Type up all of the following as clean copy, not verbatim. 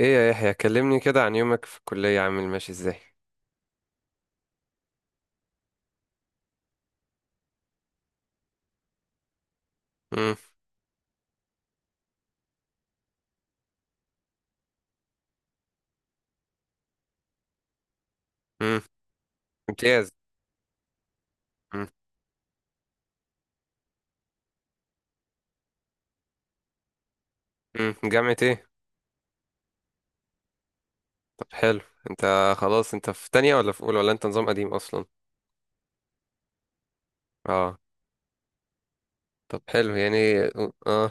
ايه يا يحيى، كلمني كده عن يومك في الكلية. عامل ماشي ازاي؟ امم. امم. امتياز. امم، امم. جامعة ايه؟ طب حلو. انت خلاص انت في تانية ولا في اولى ولا انت نظام قديم اصلا؟ اه. طب حلو يعني. اه.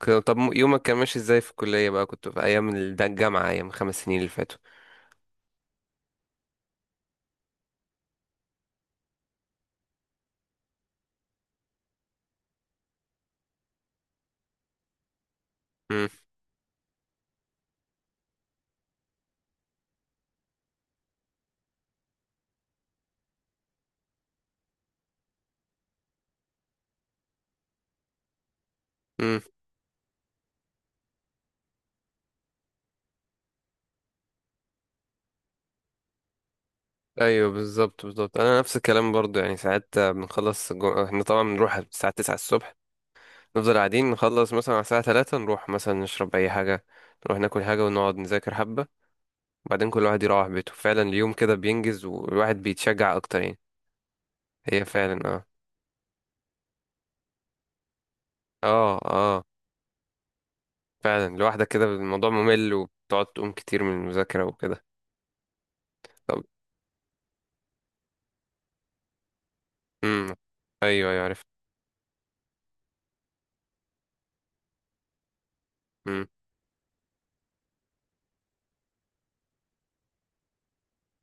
طب يومك كان ماشي ازاي في الكلية بقى؟ كنت في ايام ده، الجامعة، ايام خمس سنين اللي فاتوا. امم، امم. ايوه بالظبط بالظبط، انا نفس الكلام برضو. يعني ساعات بنخلص احنا طبعا بنروح الساعة 9 الصبح، نفضل قاعدين نخلص مثلا على الساعة تلاتة، نروح مثلا نشرب أي حاجة، نروح ناكل حاجة ونقعد نذاكر حبة، وبعدين كل واحد يروح بيته. فعلا اليوم كده بينجز، والواحد بيتشجع أكتر يعني. هي فعلا اه. اه، اه. فعلا لوحدك كده الموضوع ممل، وبتقعد تقوم كتير من المذاكرة وكده. طب. امم. أيوه أيوه عرفت. امم،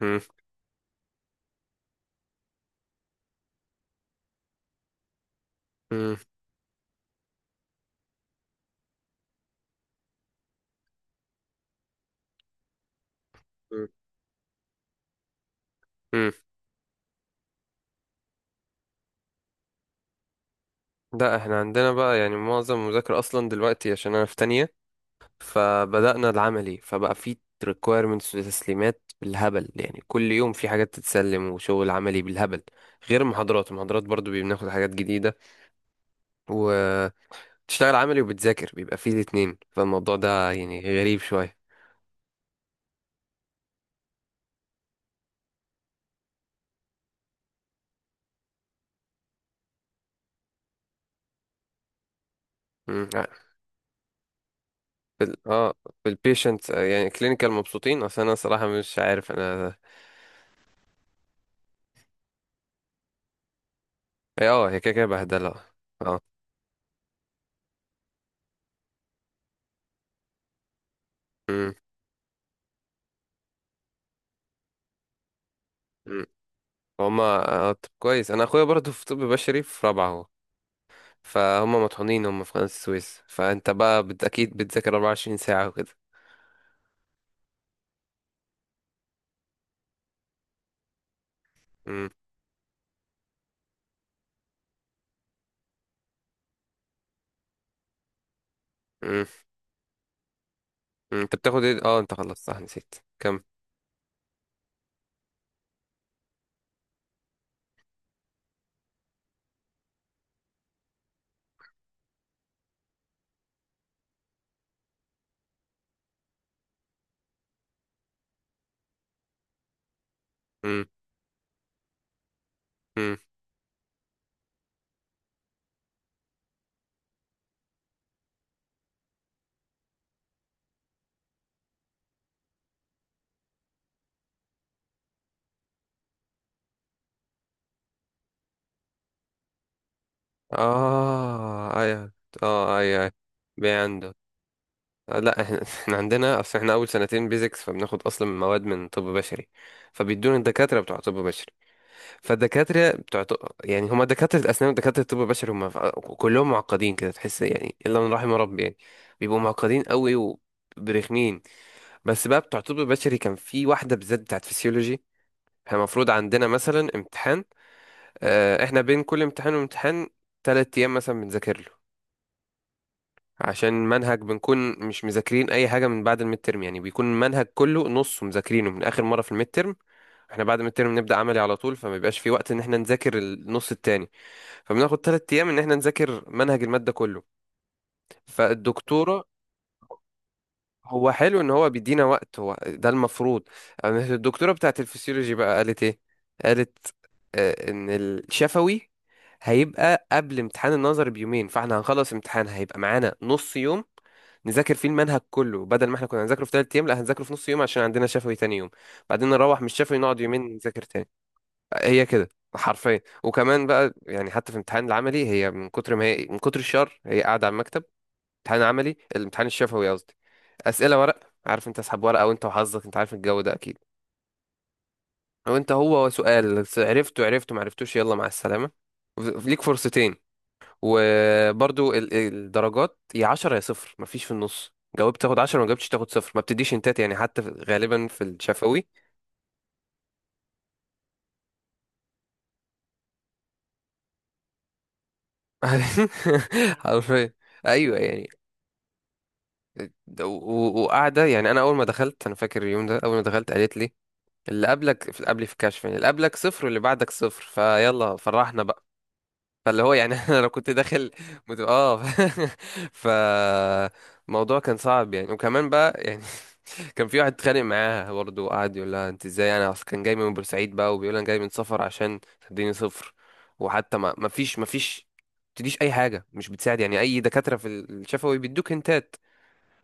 امم، امم، امم. لا احنا عندنا بقى يعني معظم المذاكرة أصلا دلوقتي، عشان أنا في تانية، فبدأنا العملي، فبقى في requirements وتسليمات بالهبل. يعني كل يوم في حاجات تتسلم وشغل عملي بالهبل، غير المحاضرات. المحاضرات برضو بناخد حاجات جديدة، وتشتغل عملي وبتذاكر، بيبقى فيه الاتنين. فالموضوع ده يعني غريب شوية. مم. اه. في في البيشنت يعني كلينيكال مبسوطين؟ اصل انا صراحة مش عارف انا. اه، هي كده كده بهدلة. اه. مم. مم. هما. طب كويس. انا اخويا برضو في طب بشري، في رابعة هو، فهم مطحونين. هم في قناة السويس، فانت بقى اكيد بتذاكر 24 ساعة وكده. امم، امم. أمم. انت بتاخد ايه؟ اه، انت خلصت صح، نسيت كم. امم، امم. اه ايوه. اه ايوه أيوة. بي عنده. لا احنا احنا عندنا، اصل احنا اول سنتين بيزكس، فبناخد اصلا مواد من طب بشري، فبيدونا الدكاتره بتوع طب بشري. فالدكاتره بتوع طب، يعني هما دكاتره الاسنان ودكاتره الطب البشري، هما كلهم معقدين كده تحس، يعني الا من رحم ربي يعني. بيبقوا معقدين قوي وبرخمين. بس بقى بتوع طب بشري، كان في واحدة بالذات بتاعت فسيولوجي. احنا المفروض عندنا مثلا امتحان. احنا بين كل امتحان وامتحان تلات ايام مثلا بنذاكر له، عشان منهج بنكون مش مذاكرين اي حاجة من بعد الميد ترم. يعني بيكون المنهج كله نصه مذاكرينه من اخر مرة في الميد ترم. احنا بعد الميد ترم نبدأ عملي على طول، فما بيبقاش في وقت ان احنا نذاكر النص التاني، فبناخد تلات ايام ان احنا نذاكر منهج المادة كله. فالدكتورة. هو حلو ان هو بيدينا وقت، هو ده المفروض. أما الدكتوره بتاعت الفسيولوجي بقى قالت ايه؟ قالت ان الشفوي هيبقى قبل امتحان النظر بيومين، فاحنا هنخلص امتحان هيبقى معانا نص يوم نذاكر فيه المنهج كله، بدل ما احنا كنا هنذاكره في تلات ايام، لا هنذاكره في نص يوم عشان عندنا شفوي تاني يوم، بعدين نروح من الشفوي نقعد يومين نذاكر تاني. هي كده حرفيا. وكمان بقى يعني حتى في امتحان العملي، هي من كتر ما هي من كتر الشر، هي قاعده على المكتب، امتحان عملي، الامتحان الشفوي قصدي. اسئله ورق، عارف انت، اسحب ورقه وانت وحظك، انت عارف الجو ده اكيد. وانت هو سؤال، عرفته عرفته ما عرفتوش، يلا مع السلامه. ليك فرصتين. وبرضو الدرجات، يا 10 يا صفر، مفيش في النص. جاوبت تاخد 10، ما جاوبتش تاخد صفر، ما بتديش انتات يعني حتى غالبا في الشفوي. حرفيا. ايوه يعني. وقاعده يعني. انا اول ما دخلت، انا فاكر اليوم ده، اول ما دخلت قالت لي اللي قبلك، في قبلي، في الكشف يعني، اللي قبلك صفر واللي بعدك صفر، فيلا فرحنا بقى. فاللي هو يعني انا لو كنت داخل مت... اه ف الموضوع كان صعب يعني. وكمان بقى يعني كان في واحد اتخانق معاها برضه، وقعد يقول لها انت ازاي، انا اصلا كان جاي من بورسعيد بقى، وبيقول انا جاي من سفر عشان تديني صفر. وحتى ما فيش تديش اي حاجه، مش بتساعد يعني اي دكاتره في الشفوي بيدوك هنتات.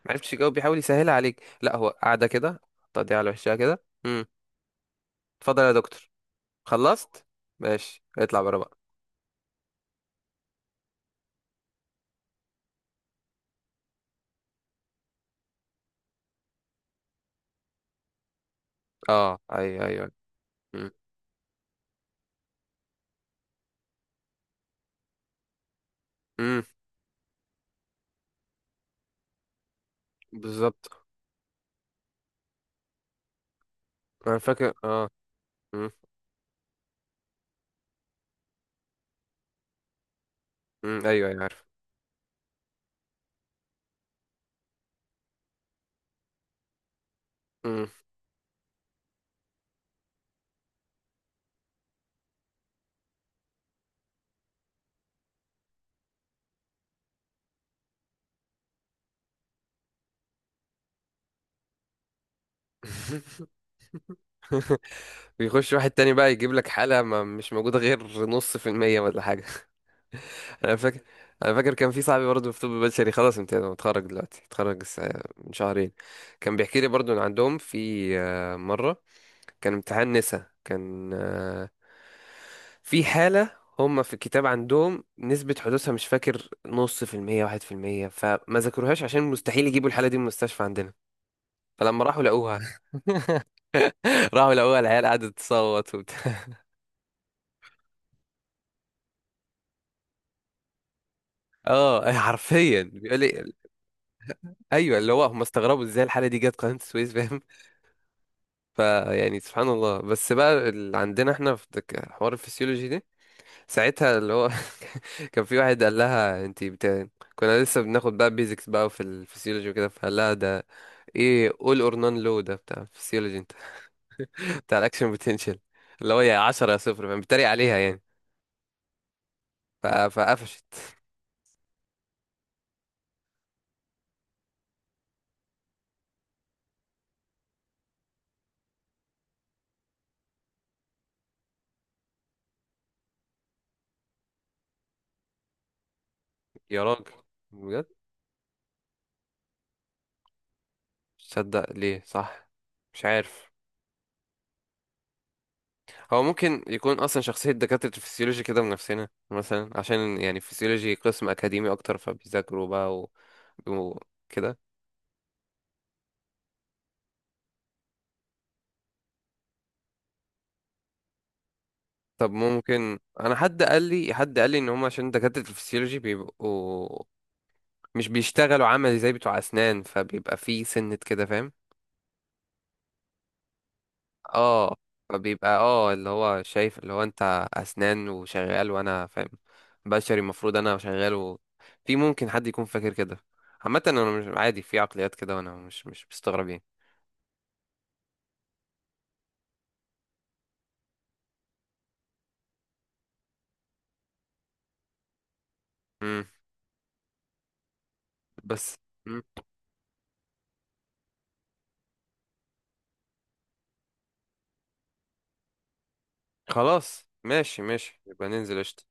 ما عرفتش تجاوب بيحاول يسهلها عليك، لا هو قاعده كده تقضيها على وشها كده. امم. اتفضل يا دكتور خلصت، ماشي اطلع بره بقى. اه ايوه ايوه. امم. أمم، بالظبط. انا فاكر اه. امم. أمم، ايوه ايوه عارف. أمم. بيخش واحد تاني بقى يجيب لك حالة ما مش موجودة غير نص في المية ولا حاجة. انا فاكر، انا فاكر كان في صاحبي برضه في طب بشري، خلاص امتيازه متخرج دلوقتي، اتخرج من شهرين. كان بيحكي لي برضه ان عندهم في مرة، كان امتحان نسا، كان في حالة، هما في الكتاب عندهم نسبة حدوثها مش فاكر نص في المية واحد في المية، فما ذكروهاش عشان مستحيل يجيبوا الحالة دي من المستشفى عندنا. فلما راحوا لقوها راحوا لقوها، العيال قعدت تصوت وبتاع. اه حرفيا بيقول لي ايوه، اللي هو هم استغربوا ازاي الحالة دي جت قناة السويس فاهم. فيعني سبحان الله. بس بقى اللي عندنا احنا في الحوار الفسيولوجي ده ساعتها، اللي هو كان في واحد قال لها انت كنا لسه بناخد بقى بيزكس بقى في الفسيولوجي وكده، فقال لها ده ايه all or none low ده بتاع الفسيولوجي انت؟ بتاع الاكشن potential، اللي هو يا 10 يا صفر فاهم، بيتريق عليها يعني. فقفشت. يا راجل بجد. مش صدق ليه؟ صح. مش عارف. هو ممكن يكون اصلا شخصية دكاترة الفسيولوجي كده من نفسنا مثلا، عشان يعني الفسيولوجي قسم اكاديمي اكتر، فبيذاكروا بقى وكده. طب ممكن انا، حد قال لي ان هم عشان دكاترة الفسيولوجي بيبقوا مش بيشتغلوا عملي زي بتوع اسنان، فبيبقى في سنة كده فاهم. اه. فبيبقى اه اللي هو شايف اللي هو انت اسنان وشغال وانا فاهم، بشري المفروض انا شغال في ممكن حد يكون فاكر كده. عامة انا مش عادي في عقليات كده، وانا مش مستغرب يعني. امم. بس. مم. خلاص ماشي ماشي، يبقى ننزل قشطة.